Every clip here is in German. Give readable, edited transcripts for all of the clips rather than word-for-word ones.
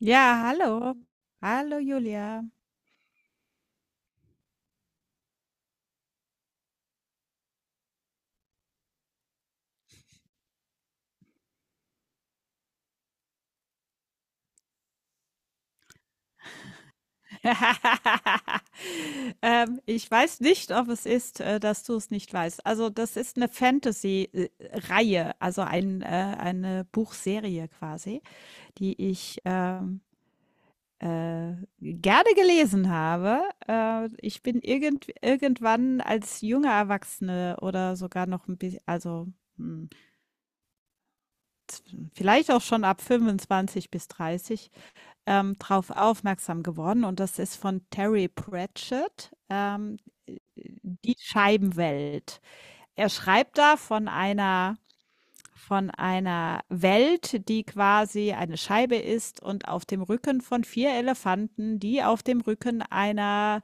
Ja, hallo. Hallo Julia. Ich weiß nicht, ob es ist, dass du es nicht weißt. Also, das ist eine Fantasy, Reihe, also eine Buchserie quasi, die ich, äh, gerne gelesen habe. Ich bin irgendwann als junge Erwachsene oder sogar noch ein bisschen, hm, vielleicht auch schon ab 25 bis 30 drauf aufmerksam geworden, und das ist von Terry Pratchett, Die Scheibenwelt. Er schreibt da von einer Welt, die quasi eine Scheibe ist und auf dem Rücken von vier Elefanten, die auf dem Rücken einer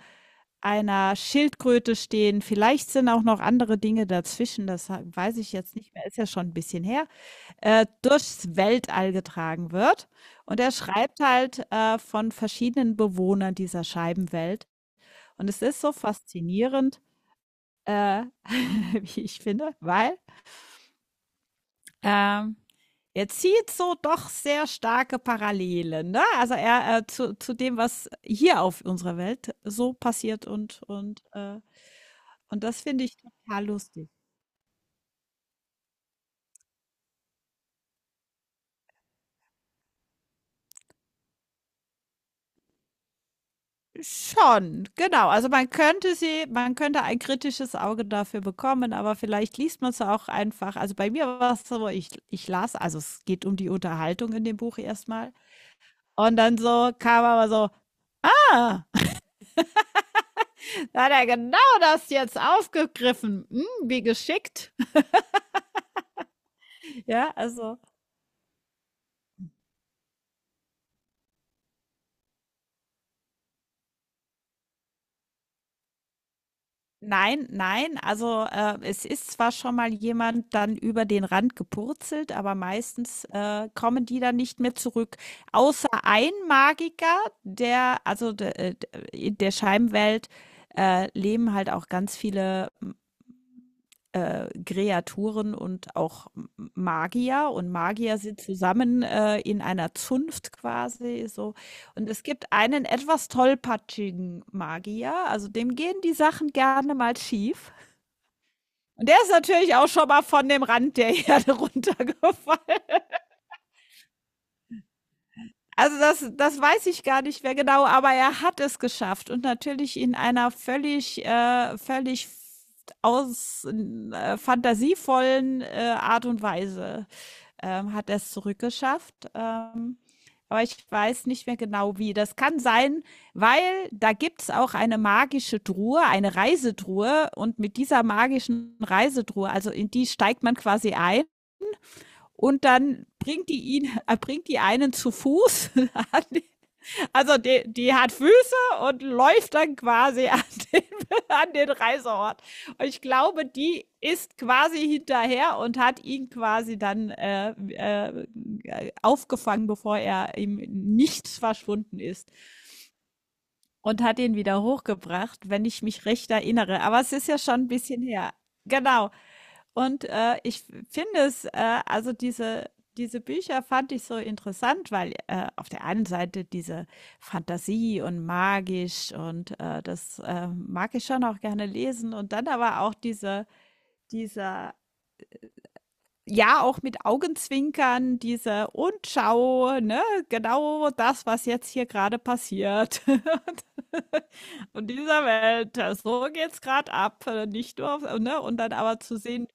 einer Schildkröte stehen. Vielleicht sind auch noch andere Dinge dazwischen, das weiß ich jetzt nicht mehr, ist ja schon ein bisschen her, durchs Weltall getragen wird. Und er schreibt halt von verschiedenen Bewohnern dieser Scheibenwelt. Und es ist so faszinierend, äh, wie ich finde, weil ähm, er zieht so doch sehr starke Parallelen. Ne? Also er zu dem, was hier auf unserer Welt so passiert, und und das finde ich total lustig. Schon, genau. Also, man könnte sie, man könnte ein kritisches Auge dafür bekommen, aber vielleicht liest man es auch einfach. Also, bei mir war's so, ich las, also, es geht um die Unterhaltung in dem Buch erstmal, und dann so kam aber so: „Ah, da hat er genau das jetzt aufgegriffen. Hm, wie geschickt.“ Ja, also Nein, nein. Also, es ist zwar schon mal jemand dann über den Rand gepurzelt, aber meistens, kommen die dann nicht mehr zurück. Außer ein Magiker, der also, de de in der Scheibenwelt, leben halt auch ganz viele, Kreaturen und auch M Magier, und Magier sind zusammen, in einer Zunft quasi so. Und es gibt einen etwas tollpatschigen Magier, also dem gehen die Sachen gerne mal schief. Und der ist natürlich auch schon mal von dem Rand der Erde runtergefallen. Also das, das weiß ich gar nicht mehr genau, aber er hat es geschafft, und natürlich in einer völlig, völlig aus fantasievollen Art und Weise hat er es zurückgeschafft. Aber ich weiß nicht mehr genau wie. Das kann sein, weil da gibt es auch eine magische Truhe, eine Reisetruhe. Und mit dieser magischen Reisetruhe, also in die steigt man quasi ein, und dann bringt die ihn, bringt die einen zu Fuß. Also die, die hat Füße und läuft dann quasi an den, an den Reiseort. Und ich glaube, die ist quasi hinterher und hat ihn quasi dann aufgefangen, bevor er ihm nichts verschwunden ist. Und hat ihn wieder hochgebracht, wenn ich mich recht erinnere. Aber es ist ja schon ein bisschen her. Genau. Und ich finde es, also diese, diese Bücher fand ich so interessant, weil auf der einen Seite diese Fantasie und magisch und das mag ich schon auch gerne lesen. Und dann aber auch diese, dieser, ja, auch mit Augenzwinkern, diese und schau, ne, genau das, was jetzt hier gerade passiert. Von dieser Welt. Ja, so geht's gerade ab, nicht nur auf, ne? Und dann aber zu sehen,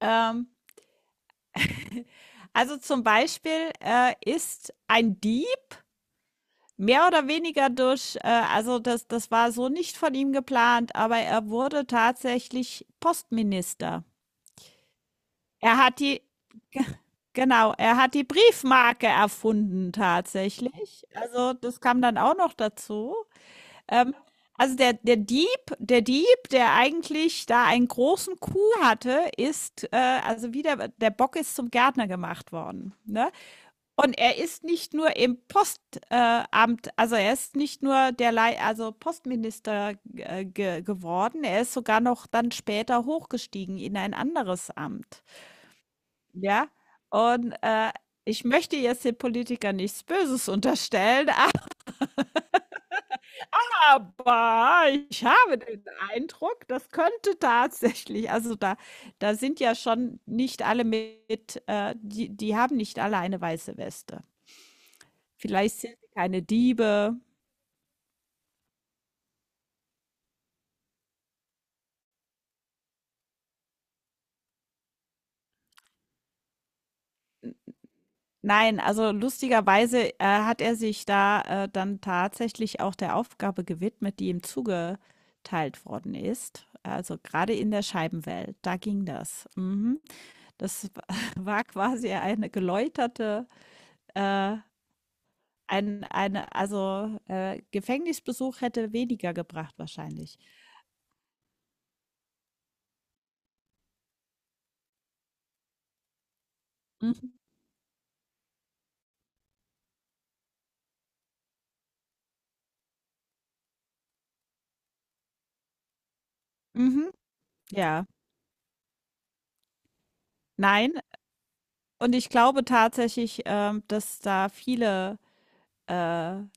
ähm, also zum Beispiel ist ein Dieb mehr oder weniger durch, also das, das war so nicht von ihm geplant, aber er wurde tatsächlich Postminister. Er hat die, genau, er hat die Briefmarke erfunden tatsächlich. Also das kam dann auch noch dazu. Ähm, also der, der Dieb, der Dieb, der eigentlich da einen großen Coup hatte, ist, also wie der, der Bock ist zum Gärtner gemacht worden. Ne? Und er ist nicht nur im Postamt, Amt, also er ist nicht nur der Lei also Postminister ge geworden, er ist sogar noch dann später hochgestiegen in ein anderes Amt. Ja, und ich möchte jetzt den Politikern nichts Böses unterstellen. Aber ich habe den Eindruck, das könnte tatsächlich, also da da sind ja schon nicht alle mit die die haben nicht alle eine weiße Weste. Vielleicht sind sie keine Diebe. Nein, also lustigerweise, hat er sich da, dann tatsächlich auch der Aufgabe gewidmet, die ihm zugeteilt worden ist. Also gerade in der Scheibenwelt, da ging das. Mhm. Das war quasi eine geläuterte, äh Ein eine also, Gefängnisbesuch hätte weniger gebracht wahrscheinlich. Mhm. Mhm, ja. Nein, und ich glaube tatsächlich, dass da viele äh,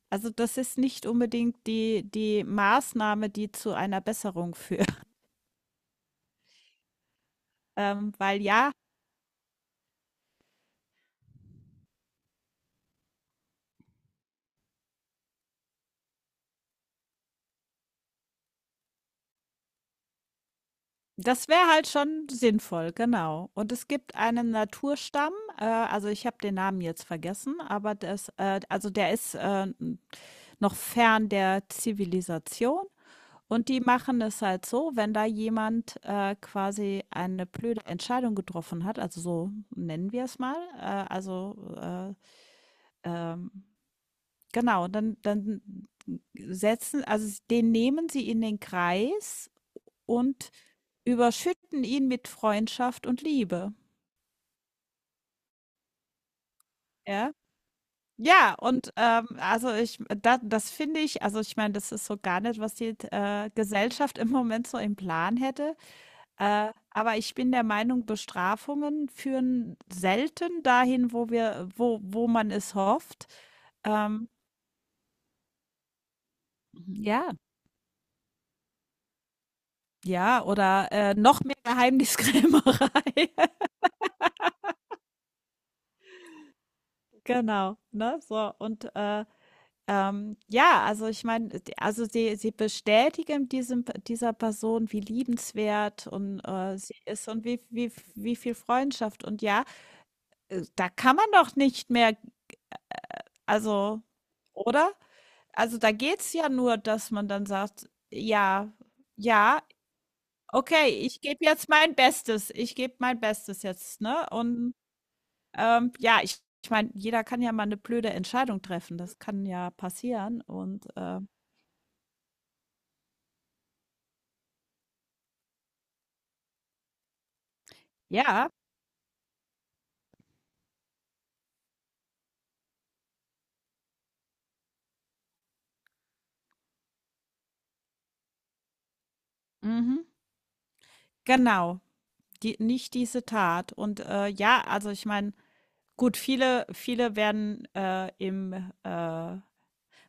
also, das ist nicht unbedingt die die Maßnahme, die zu einer Besserung führt, ähm, weil ja, das wäre halt schon sinnvoll, genau. Und es gibt einen Naturstamm, also ich habe den Namen jetzt vergessen, aber das, also der ist, noch fern der Zivilisation. Und die machen es halt so, wenn da jemand quasi eine blöde Entscheidung getroffen hat, also so nennen wir es mal, ähm, genau, dann, dann setzen, also den nehmen sie in den Kreis und überschütten ihn mit Freundschaft und Liebe. Ja. Ja, und also ich, da, das finde ich, also ich meine, das ist so gar nicht, was die Gesellschaft im Moment so im Plan hätte. Aber ich bin der Meinung, Bestrafungen führen selten dahin, wo wir wo man es hofft. Ähm, ja, ja, oder, noch mehr Geheimniskrämerei. Genau, ne, so und, ja, also ich meine, d also sie bestätigen diesem dieser Person, wie liebenswert und, sie ist und wie wie wie viel Freundschaft, und ja, da kann man doch nicht mehr, also, oder? Also, da geht's ja nur, dass man dann sagt: „Ja, ja, okay, ich gebe jetzt mein Bestes. Ich gebe mein Bestes jetzt“, ne? Und, ja, ich meine, jeder kann ja mal eine blöde Entscheidung treffen. Das kann ja passieren und, ja, mhm, genau, die nicht diese Tat. Und, ja, also, ich meine, gut, viele werden,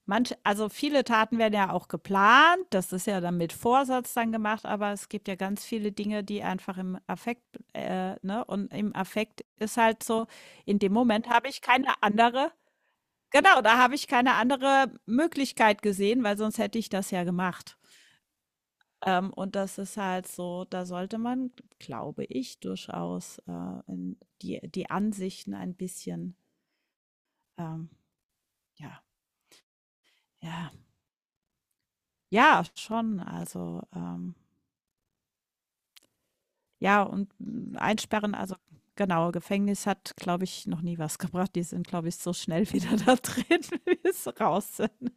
Manche, also viele Taten werden ja auch geplant, das ist ja dann mit Vorsatz dann gemacht, aber es gibt ja ganz viele Dinge, die einfach im Affekt ne, und im Affekt ist halt so, in dem Moment habe ich keine andere genau, da habe ich keine andere Möglichkeit gesehen, weil sonst hätte ich das ja gemacht. Und das ist halt so, da sollte man, glaube ich, durchaus in die die Ansichten ein bisschen, ähm, ja, ja, ja, schon, also, Ja, und, hm, einsperren, also genau, Gefängnis hat, glaube ich, noch nie was gebracht. Die sind, glaube ich, so schnell wieder da drin, wie es raus sind.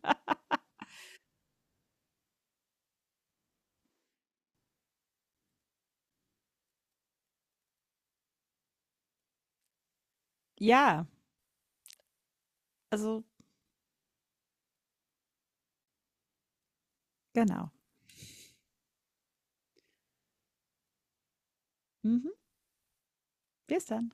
Ja, also genau. Mhm. Bis dann.